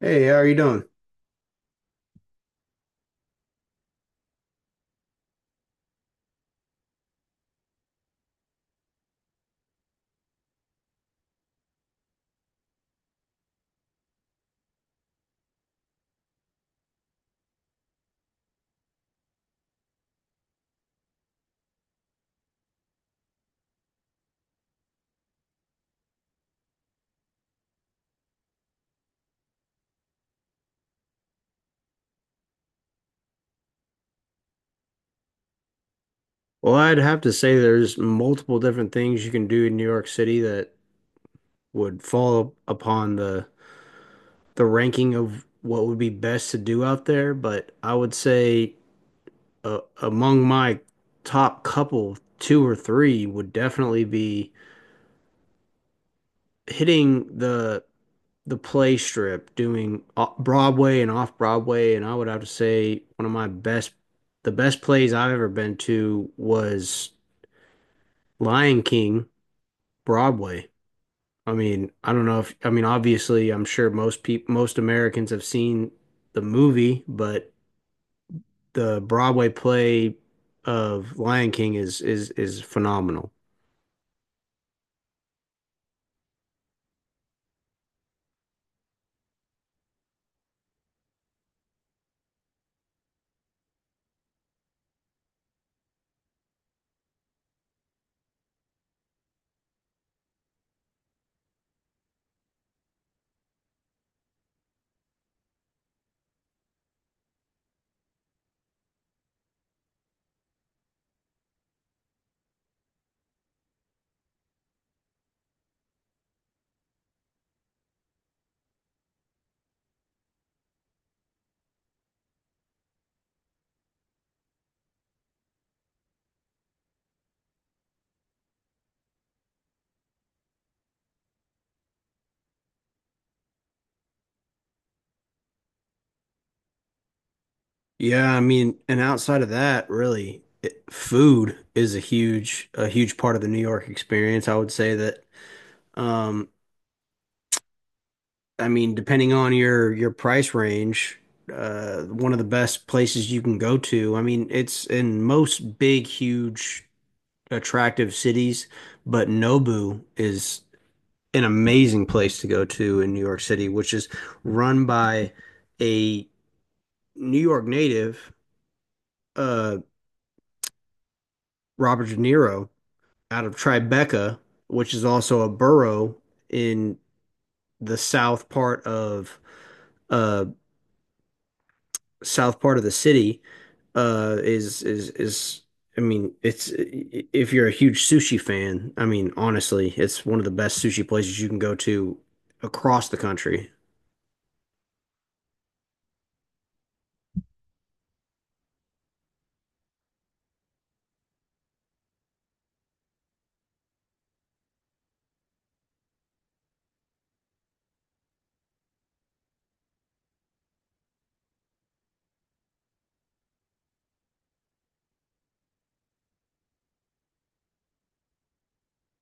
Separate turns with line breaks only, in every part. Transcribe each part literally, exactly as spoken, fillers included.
Hey, how are you doing? Well, I'd have to say there's multiple different things you can do in New York City that would fall upon the the ranking of what would be best to do out there, but I would say uh, among my top couple, two or three would definitely be hitting the the play strip, doing o- Broadway and off Broadway, and I would have to say one of my best the best plays I've ever been to was Lion King Broadway. I mean, I don't know if I mean, obviously, I'm sure most people most Americans have seen the movie, but the Broadway play of Lion King is is is phenomenal. Yeah, I mean, and outside of that, really, it, food is a huge a huge part of the New York experience. I would say that um I mean, depending on your your price range, uh one of the best places you can go to. I mean, it's in most big huge attractive cities, but Nobu is an amazing place to go to in New York City, which is run by a New York native, uh, Robert De Niro, out of Tribeca, which is also a borough in the south part of uh, south part of the city uh is is is I mean, it's if you're a huge sushi fan, I mean, honestly, it's one of the best sushi places you can go to across the country.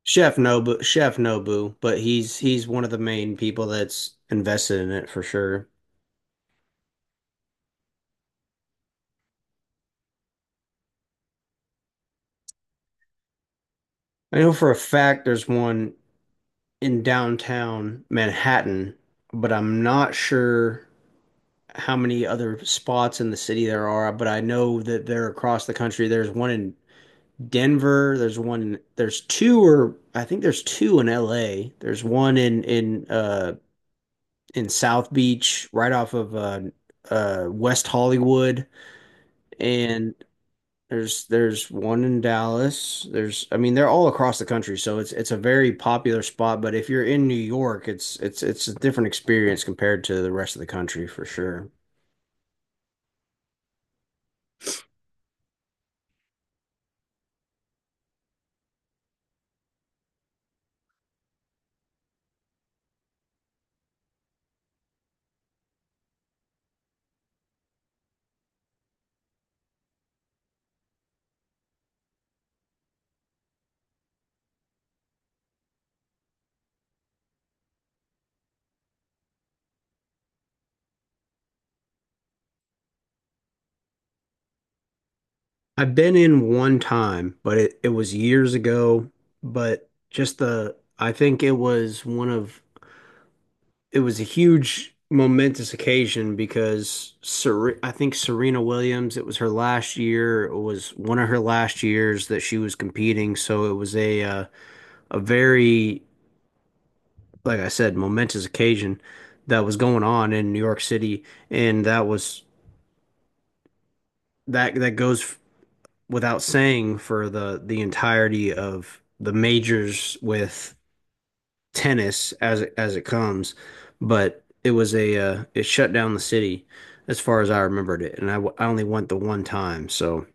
Chef Nobu, Chef Nobu, but he's he's one of the main people that's invested in it for sure. I know for a fact there's one in downtown Manhattan, but I'm not sure how many other spots in the city there are, but I know that they're across the country. There's one in Denver. There's one. in- There's two, or I think there's two in L A. There's one in in uh in South Beach, right off of uh uh West Hollywood, and there's there's one in Dallas. There's I mean, they're all across the country, so it's it's a very popular spot. But if you're in New York, it's it's it's a different experience compared to the rest of the country for sure. I've been in one time, but it, it was years ago. But just the, I think it was one of it was a huge momentous occasion because Ser I think Serena Williams, it was her last year, it was one of her last years that she was competing, so it was a uh, a very, like I said, momentous occasion that was going on in New York City, and that was that that goes without saying for the the entirety of the majors with tennis as it, as it comes, but it was a uh, it shut down the city as far as I remembered it, and I, w- I only went the one time. So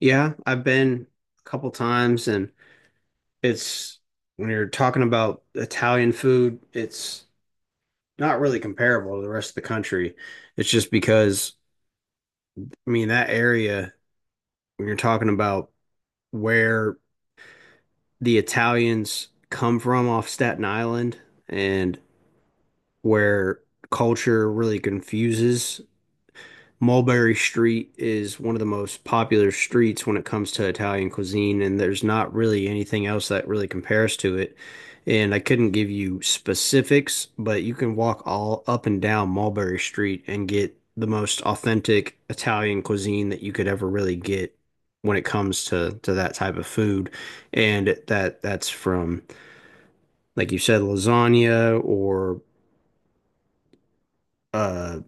yeah, I've been a couple times, and it's when you're talking about Italian food, it's not really comparable to the rest of the country. It's just because I mean that area when you're talking about where the Italians come from off Staten Island and where culture really confuses Mulberry Street is one of the most popular streets when it comes to Italian cuisine, and there's not really anything else that really compares to it. And I couldn't give you specifics, but you can walk all up and down Mulberry Street and get the most authentic Italian cuisine that you could ever really get when it comes to to that type of food. And that that's from, like you said, lasagna or uh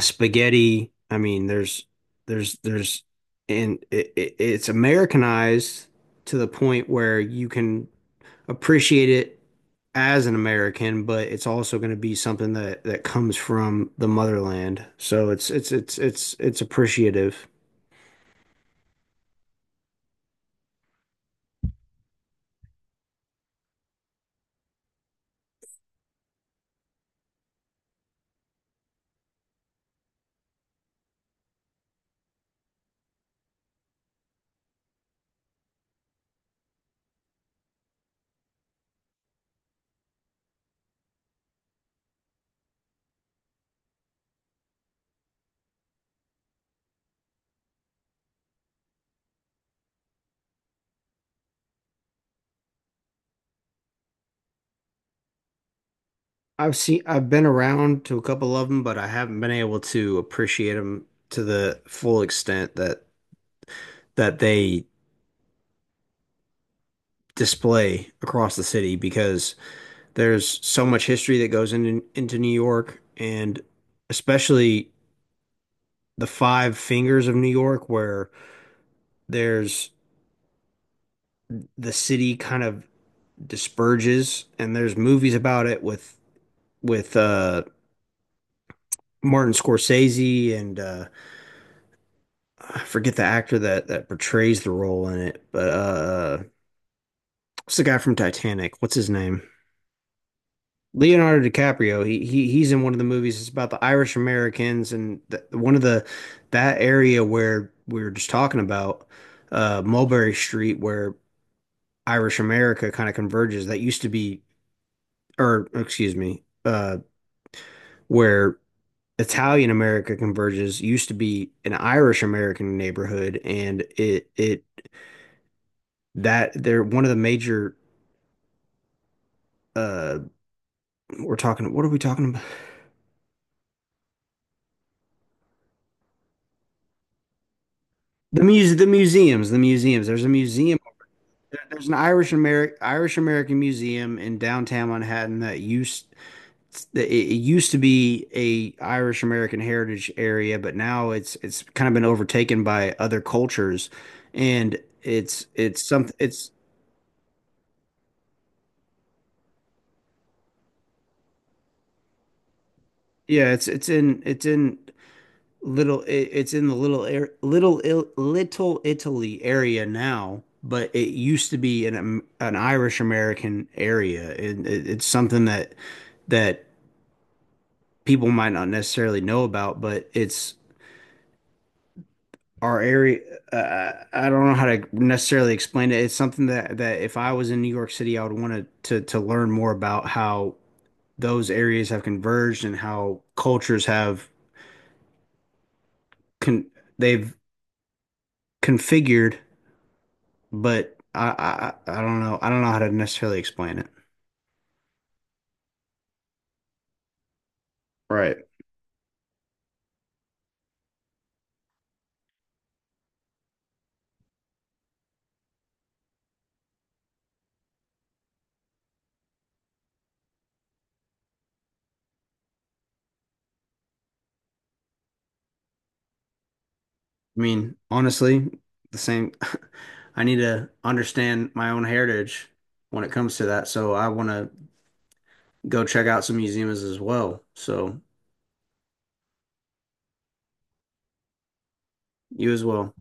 spaghetti. I mean, there's there's there's and it, it, it's Americanized to the point where you can appreciate it as an American, but it's also going to be something that that comes from the motherland. So it's it's it's it's it's appreciative. I've seen I've been around to a couple of them, but I haven't been able to appreciate them to the full extent that that they display across the city because there's so much history that goes into into New York, and especially the five fingers of New York, where there's the city kind of disperses, and there's movies about it with with uh, Martin Scorsese and uh, I forget the actor that that portrays the role in it, but uh, what's the guy from Titanic? What's his name? Leonardo DiCaprio, he, he he's in one of the movies. It's about the Irish Americans and th one of the that area where we were just talking about, uh, Mulberry Street, where Irish America kind of converges. That used to be, or excuse me, uh, where Italian America converges used to be an Irish American neighborhood, and it it that they're one of the major. Uh, we're talking. What are we talking about? The muse, the museums, the museums. There's a museum There- there's an Irish American Irish American museum in downtown Manhattan that used that it it used to be a Irish American heritage area, but now it's it's kind of been overtaken by other cultures, and it's it's something it's yeah it's it's in it's in little it, it's in the little air little Il, little Italy area now, but it used to be an Am- an Irish American area, and it, it's something that that. People might not necessarily know about, but it's our area. Uh, I don't know how to necessarily explain it. It's something that that if I was in New York City, I would want to to to learn more about how those areas have converged and how cultures have con they've configured. But I, I I don't know. I don't know how to necessarily explain it. Right. I mean, honestly, the same. I need to understand my own heritage when it comes to that. So I want to go check out some museums as well. So you as well.